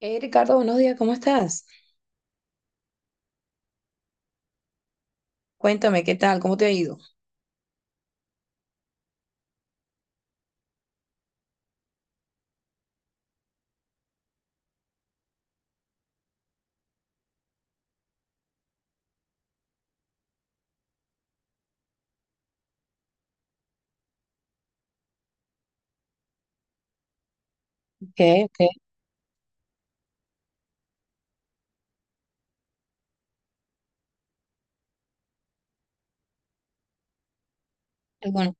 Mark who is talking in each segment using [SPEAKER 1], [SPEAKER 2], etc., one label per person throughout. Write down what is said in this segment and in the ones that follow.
[SPEAKER 1] Hey Ricardo, buenos días, ¿cómo estás? Cuéntame, ¿qué tal? ¿Cómo te ha ido? Okay, okay. Bueno,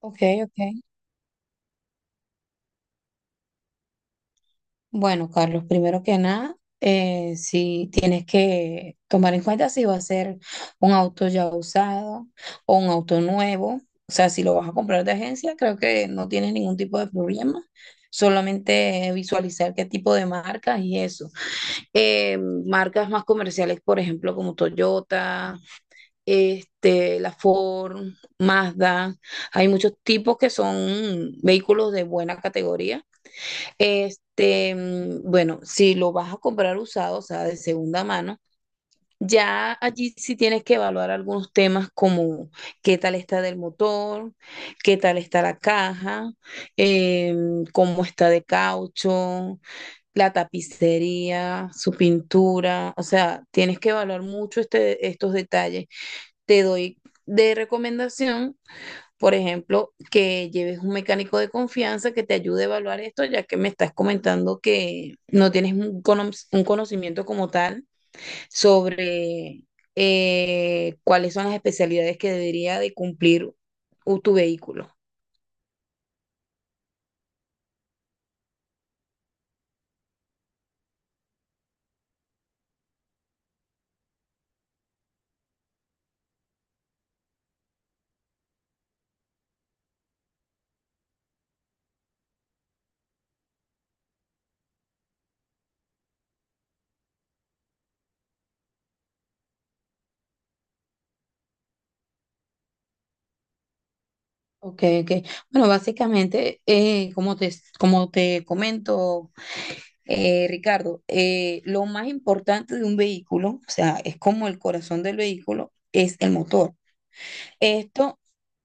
[SPEAKER 1] okay, okay. Bueno, Carlos, primero que nada, si tienes que tomar en cuenta si va a ser un auto ya usado o un auto nuevo, o sea, si lo vas a comprar de agencia, creo que no tienes ningún tipo de problema. Solamente visualizar qué tipo de marcas y eso. Marcas más comerciales, por ejemplo, como Toyota. La Ford, Mazda, hay muchos tipos que son vehículos de buena categoría. Bueno, si lo vas a comprar usado, o sea, de segunda mano, ya allí sí tienes que evaluar algunos temas como qué tal está del motor, qué tal está la caja, cómo está de caucho, la tapicería, su pintura. O sea, tienes que evaluar mucho estos detalles te doy de recomendación, por ejemplo, que lleves un mecánico de confianza que te ayude a evaluar esto, ya que me estás comentando que no tienes un conocimiento como tal sobre cuáles son las especialidades que debería de cumplir tu vehículo. Ok, ok. Bueno, básicamente, como te comento, Ricardo, lo más importante de un vehículo, o sea, es como el corazón del vehículo, es el motor. Esto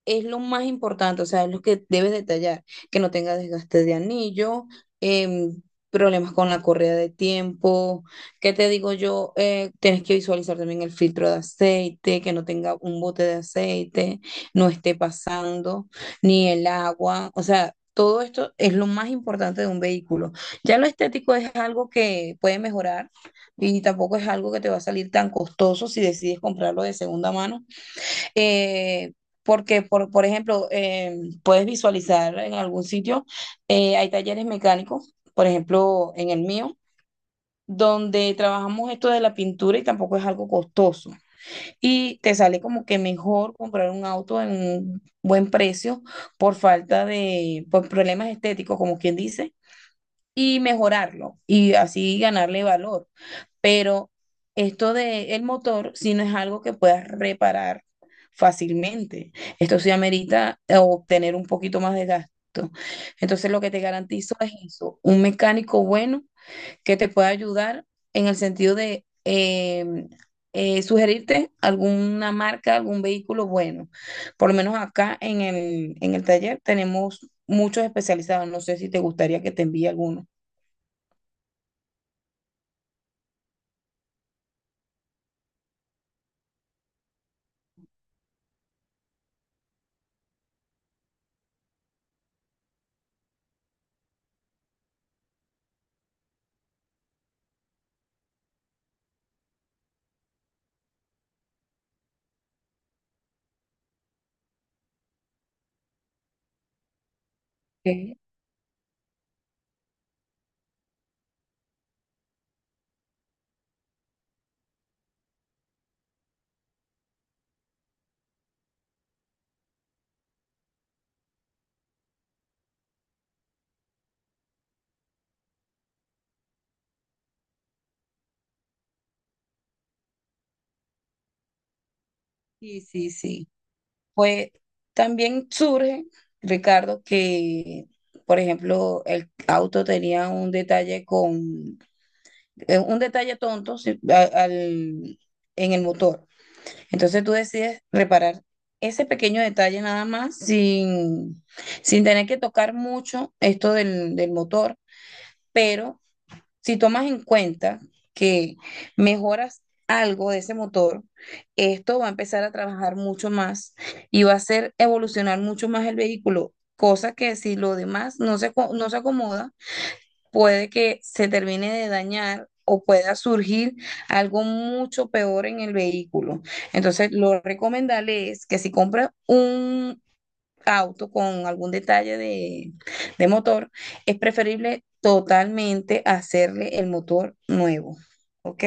[SPEAKER 1] es lo más importante, o sea, es lo que debes detallar, que no tenga desgaste de anillo, em, problemas con la correa de tiempo, ¿qué te digo yo? Tienes que visualizar también el filtro de aceite, que no tenga un bote de aceite, no esté pasando, ni el agua, o sea, todo esto es lo más importante de un vehículo. Ya lo estético es algo que puede mejorar y tampoco es algo que te va a salir tan costoso si decides comprarlo de segunda mano, eh, porque por ejemplo, puedes visualizar en algún sitio, hay talleres mecánicos, por ejemplo, en el mío, donde trabajamos esto de la pintura y tampoco es algo costoso. Y te sale como que mejor comprar un auto en un buen precio por falta de, por problemas estéticos, como quien dice, y mejorarlo y así ganarle valor. Pero esto de el motor, si no es algo que puedas reparar fácilmente, esto sí amerita obtener un poquito más de gasto. Entonces, lo que te garantizo es eso, un mecánico bueno que te pueda ayudar en el sentido de sugerirte alguna marca, algún vehículo bueno. Por lo menos acá en el taller tenemos muchos especializados. No sé si te gustaría que te envíe alguno. Ok. Sí, sí, sí. Pues también surge, Ricardo, que, por ejemplo, el auto tenía un detalle con, un detalle tonto sí, en el motor. Entonces tú decides reparar ese pequeño detalle nada más sin, sin tener que tocar mucho esto del motor, pero si tomas en cuenta que mejoras algo de ese motor, esto va a empezar a trabajar mucho más y va a hacer evolucionar mucho más el vehículo, cosa que si lo demás no se acomoda, puede que se termine de dañar o pueda surgir algo mucho peor en el vehículo. Entonces, lo recomendable es que si compras un auto con algún detalle de motor, es preferible totalmente hacerle el motor nuevo. ¿Ok?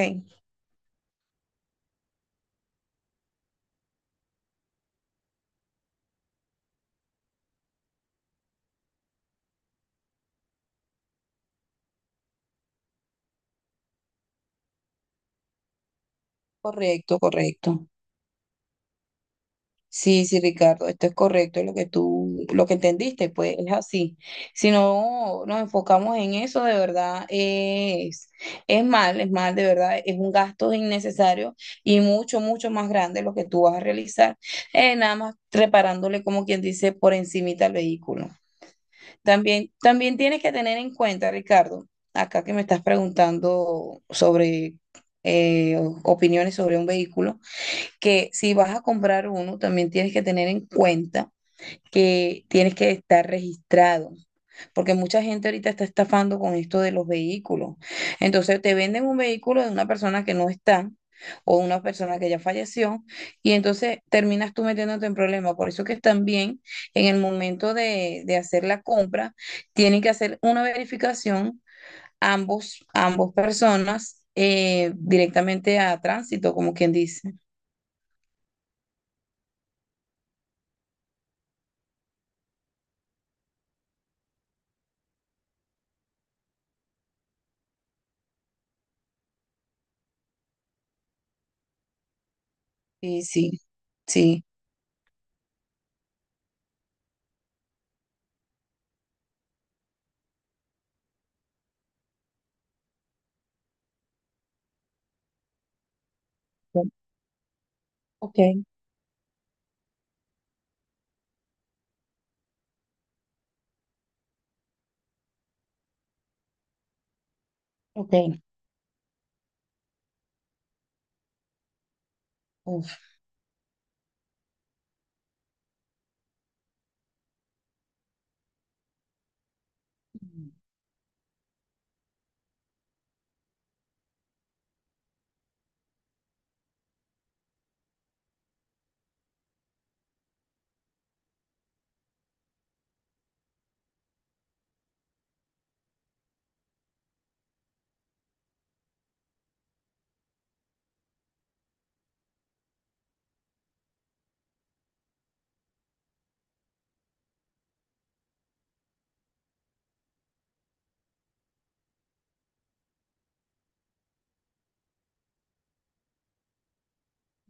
[SPEAKER 1] Correcto, correcto. Sí, sí, Ricardo, esto es correcto lo que lo que entendiste, pues es así. Si no nos enfocamos en eso, de verdad es mal, de verdad, es un gasto innecesario y mucho, mucho más grande lo que tú vas a realizar, nada más reparándole, como quien dice, por encimita al vehículo. También, también tienes que tener en cuenta, Ricardo, acá que me estás preguntando sobre opiniones sobre un vehículo, que si vas a comprar uno, también tienes que tener en cuenta que tienes que estar registrado porque mucha gente ahorita está estafando con esto de los vehículos. Entonces te venden un vehículo de una persona que no está o una persona que ya falleció y entonces terminas tú metiéndote en problemas. Por eso que también en el momento de hacer la compra tienen que hacer una verificación ambos, ambos personas directamente a tránsito, como quien dice. Sí, sí, sí. Ok, ok. Uf.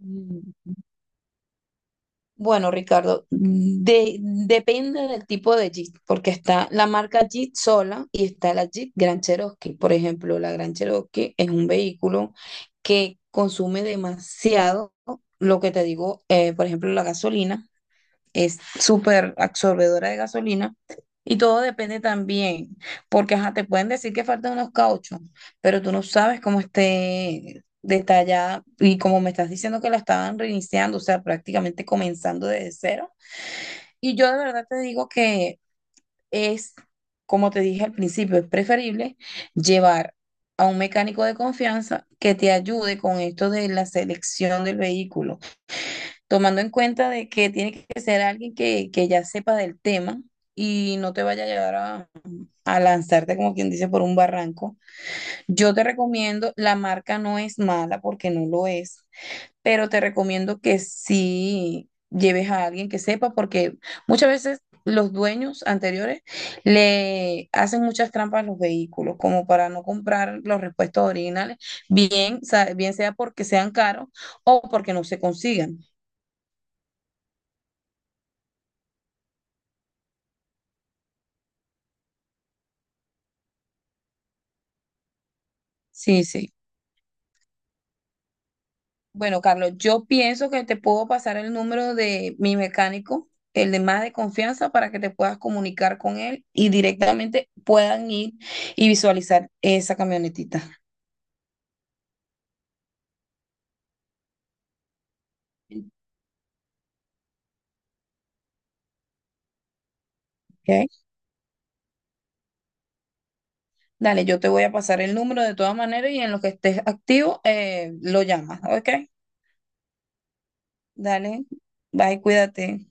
[SPEAKER 1] Mm. Bueno, Ricardo, depende del tipo de Jeep, porque está la marca Jeep sola y está la Jeep Grand Cherokee. Por ejemplo, la Grand Cherokee es un vehículo que consume demasiado, lo que te digo, por ejemplo, la gasolina es súper absorbedora de gasolina y todo depende también, porque ajá, te pueden decir que faltan unos cauchos, pero tú no sabes cómo esté detallada y como me estás diciendo que la estaban reiniciando, o sea, prácticamente comenzando desde cero. Y yo de verdad te digo que es, como te dije al principio, es preferible llevar a un mecánico de confianza que te ayude con esto de la selección del vehículo tomando en cuenta de que tiene que ser alguien que ya sepa del tema y no te vaya a llevar a lanzarte, como quien dice, por un barranco. Yo te recomiendo, la marca no es mala porque no lo es, pero te recomiendo que sí lleves a alguien que sepa porque muchas veces los dueños anteriores le hacen muchas trampas a los vehículos, como para no comprar los repuestos originales, bien sea porque sean caros o porque no se consigan. Sí, sí. Bueno, Carlos, yo pienso que te puedo pasar el número de mi mecánico, el de más de confianza, para que te puedas comunicar con él y directamente puedan ir y visualizar esa camionetita. ¿Ok? Dale, yo te voy a pasar el número de todas maneras y en lo que estés activo, lo llamas, ¿ok? Dale, bye, cuídate.